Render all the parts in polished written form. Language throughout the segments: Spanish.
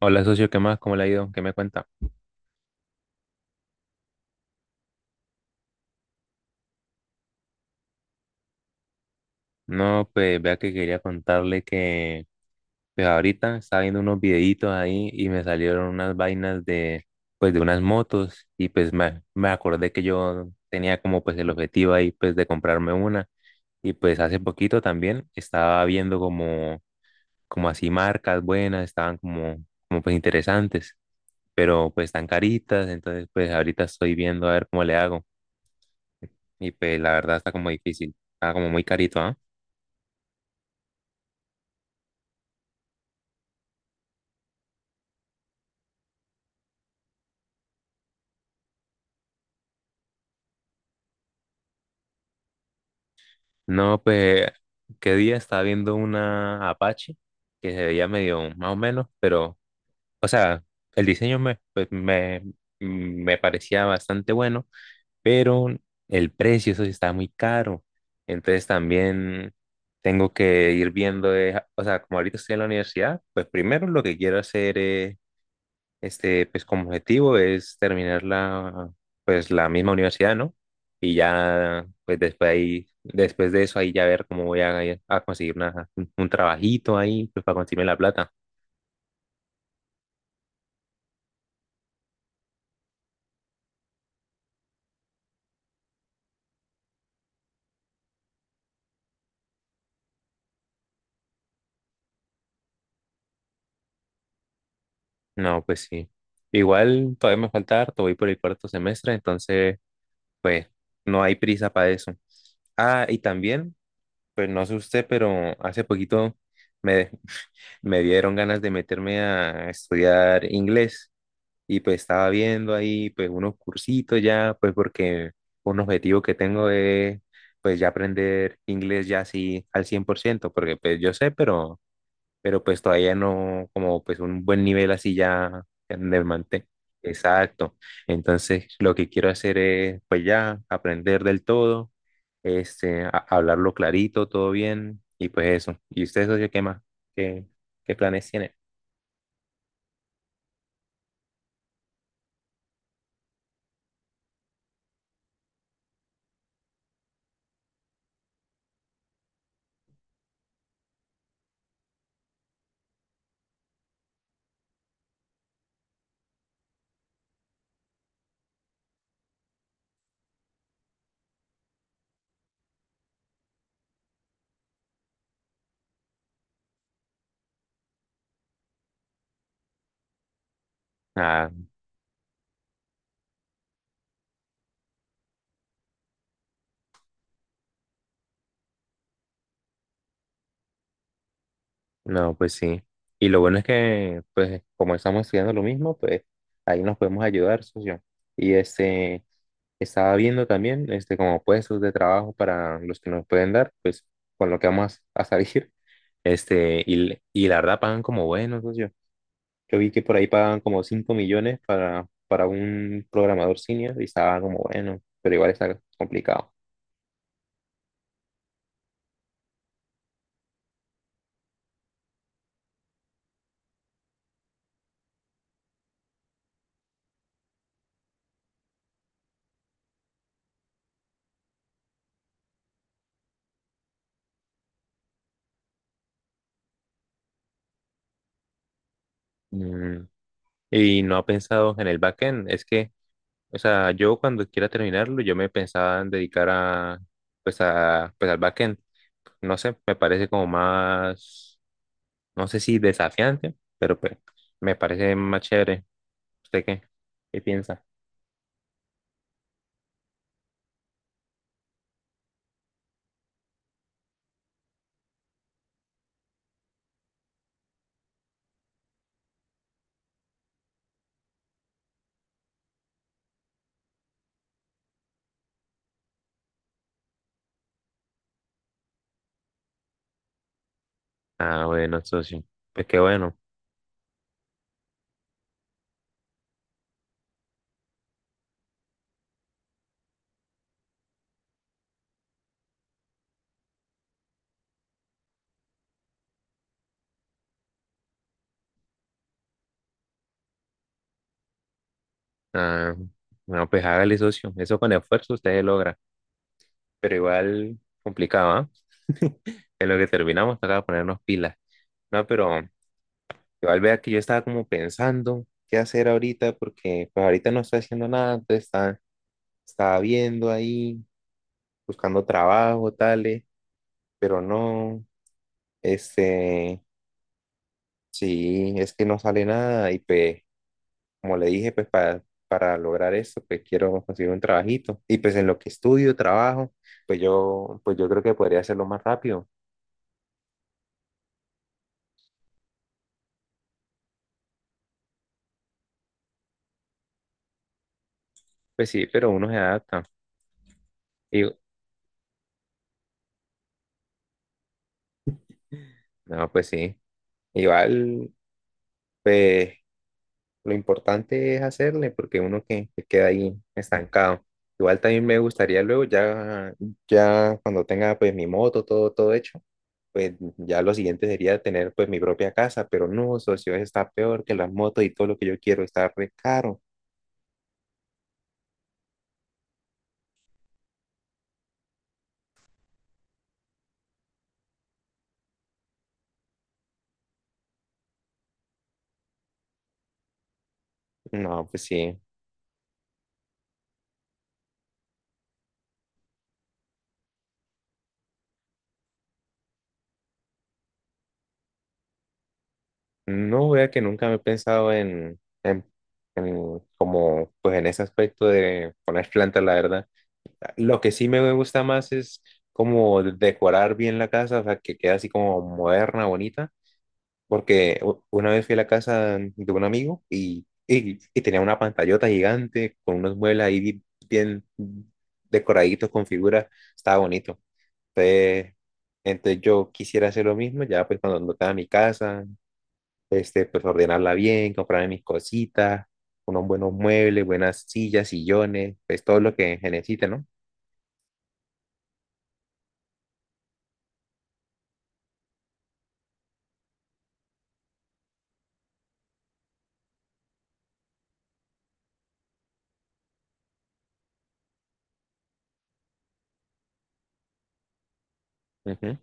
Hola, socio, ¿qué más? ¿Cómo le ha ido? ¿Qué me cuenta? No, pues vea que quería contarle que pues ahorita estaba viendo unos videitos ahí y me salieron unas vainas de pues de unas motos y pues me acordé que yo tenía como pues el objetivo ahí pues de comprarme una y pues hace poquito también estaba viendo como así marcas buenas, estaban como pues interesantes, pero pues están caritas. Entonces pues ahorita estoy viendo a ver cómo le hago, y pues la verdad está como difícil, está como muy carito, ¿ah? No, pues, qué día estaba viendo una Apache que se veía medio más o menos, pero, o sea, el diseño me parecía bastante bueno, pero el precio, eso sí estaba muy caro. Entonces también tengo que ir viendo, o sea, como ahorita estoy en la universidad, pues primero lo que quiero hacer es pues como objetivo es terminar pues la misma universidad, ¿no? Y ya, pues después ahí, después de eso ahí ya ver cómo voy a conseguir un trabajito ahí, pues para conseguirme la plata. No, pues sí. Igual todavía me falta harto, voy por el cuarto semestre, entonces, pues no hay prisa para eso. Ah, y también, pues no sé usted, pero hace poquito me, me dieron ganas de meterme a estudiar inglés. Y pues estaba viendo ahí pues unos cursitos ya, pues porque un objetivo que tengo es pues ya aprender inglés ya así al 100%, porque pues yo sé, pero, pues todavía no como pues un buen nivel así ya de manté. Exacto. Entonces lo que quiero hacer es pues ya aprender del todo, hablarlo clarito, todo bien y pues eso. ¿Y usted, socio, qué más? ¿Qué, ¿qué planes tiene? Ah, no, pues sí. Y lo bueno es que, pues, como estamos estudiando lo mismo, pues ahí nos podemos ayudar, socio. Y estaba viendo también, como puestos de trabajo para los que nos pueden dar, pues, con lo que vamos salir. Este, y, y la verdad pagan como bueno, socio. Yo vi que por ahí pagan como 5 millones para un programador senior y estaba como bueno, pero igual está complicado. Mm, y no ha pensado en el backend, es que o sea, yo cuando quiera terminarlo, yo me pensaba en dedicar pues pues al backend. No sé, me parece como más, no sé si desafiante, pero pues me parece más chévere. ¿Usted qué? ¿Qué piensa? Ah, bueno, socio. Pues qué bueno. Ah, bueno pues hágale, socio. Eso con esfuerzo usted logra. Pero igual complicado, ¿ah? En lo que terminamos, toca ponernos pilas. No, pero igual vea que yo estaba como pensando qué hacer ahorita, porque pues ahorita no estoy haciendo nada, entonces estaba viendo ahí, buscando trabajo, tales, pero no, este, sí, es que no sale nada y pues, como le dije, pues para lograr eso, pues quiero conseguir un trabajito y pues en lo que estudio, trabajo, pues yo creo que podría hacerlo más rápido. Pues sí, pero uno se adapta. Y, no, pues sí, igual, pues... Lo importante es hacerle porque uno que queda ahí estancado. Igual también me gustaría luego ya, ya cuando tenga pues mi moto, todo, todo hecho, pues ya lo siguiente sería tener pues mi propia casa, pero no, socio, eso está peor que las motos y todo lo que yo quiero está re caro. No, pues sí. No, vea que nunca me he pensado en como pues en ese aspecto de poner plantas, la verdad. Lo que sí me gusta más es como decorar bien la casa, o sea, que quede así como moderna, bonita, porque una vez fui a la casa de un amigo y tenía una pantallota gigante con unos muebles ahí bien decoraditos con figuras, estaba bonito. Entonces, entonces yo quisiera hacer lo mismo, ya pues cuando tenga mi casa, pues ordenarla bien, comprarme mis cositas, unos buenos muebles, buenas sillas, sillones, pues todo lo que se necesite, ¿no? Ujú.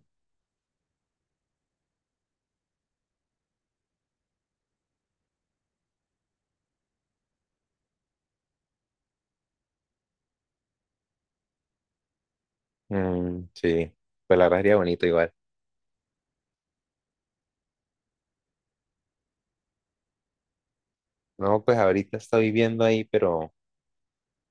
Mm, sí, pues la verdad sería bonito igual. No, pues ahorita estoy viviendo ahí, pero,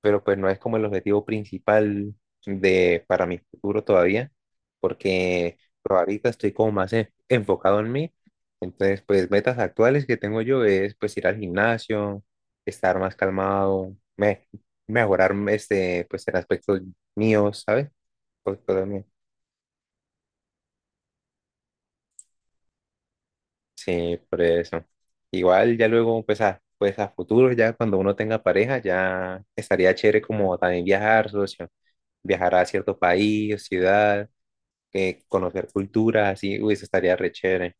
pues no es como el objetivo principal de para mi futuro todavía, porque pues, ahorita estoy como más enfocado en mí. Entonces, pues metas actuales que tengo yo es pues ir al gimnasio, estar más calmado, mejorar pues en aspectos míos, ¿sabes? Pues, cosas mías. Sí, por eso. Igual ya luego, pues a futuro, ya cuando uno tenga pareja, ya estaría chévere como también viajar, socio, viajar a cierto país, o ciudad, conocer culturas, así, uy, eso estaría re chévere.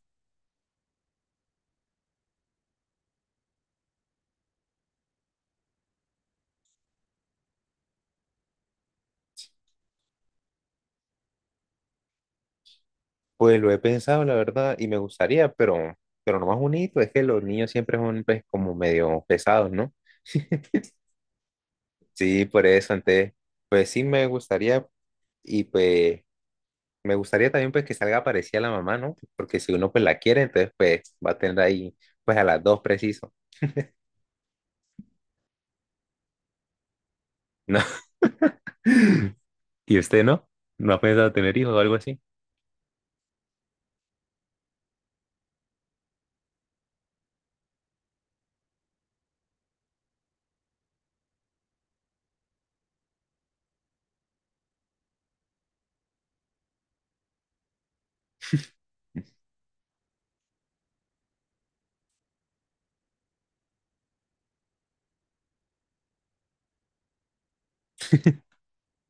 Pues lo he pensado, la verdad, y me gustaría, pero, lo más bonito es que los niños siempre son pues, como medio pesados, ¿no? Sí, por eso, entonces, pues sí me gustaría y pues me gustaría también pues que salga parecida a la mamá, ¿no? Porque si uno pues la quiere, entonces pues va a tener ahí pues a las dos preciso, ¿no? ¿Y usted no? ¿No ha pensado tener hijos o algo así?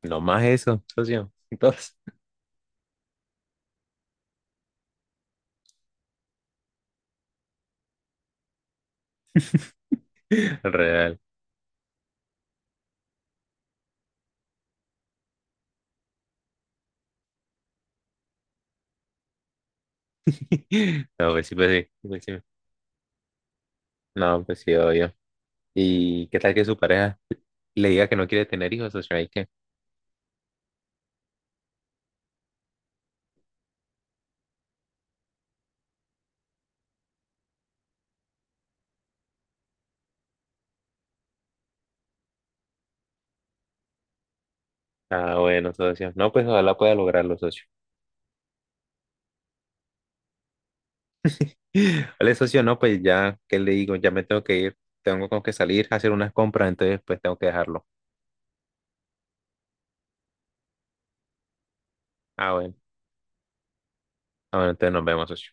No más eso, socio. Entonces, real. No, pues sí, pues sí, pues sí. No, pues sí, obvio. ¿Y qué tal que su pareja le diga que no quiere tener hijos, socio? Ahí qué. Ah, bueno, socio. No, pues ojalá pueda lograrlo, socio. Vale, socio, no, pues ya, ¿qué le digo? Ya me tengo que ir. Tengo como que salir a hacer unas compras, entonces pues tengo que dejarlo. Ah, bueno. Ah, bueno, entonces nos vemos, socio.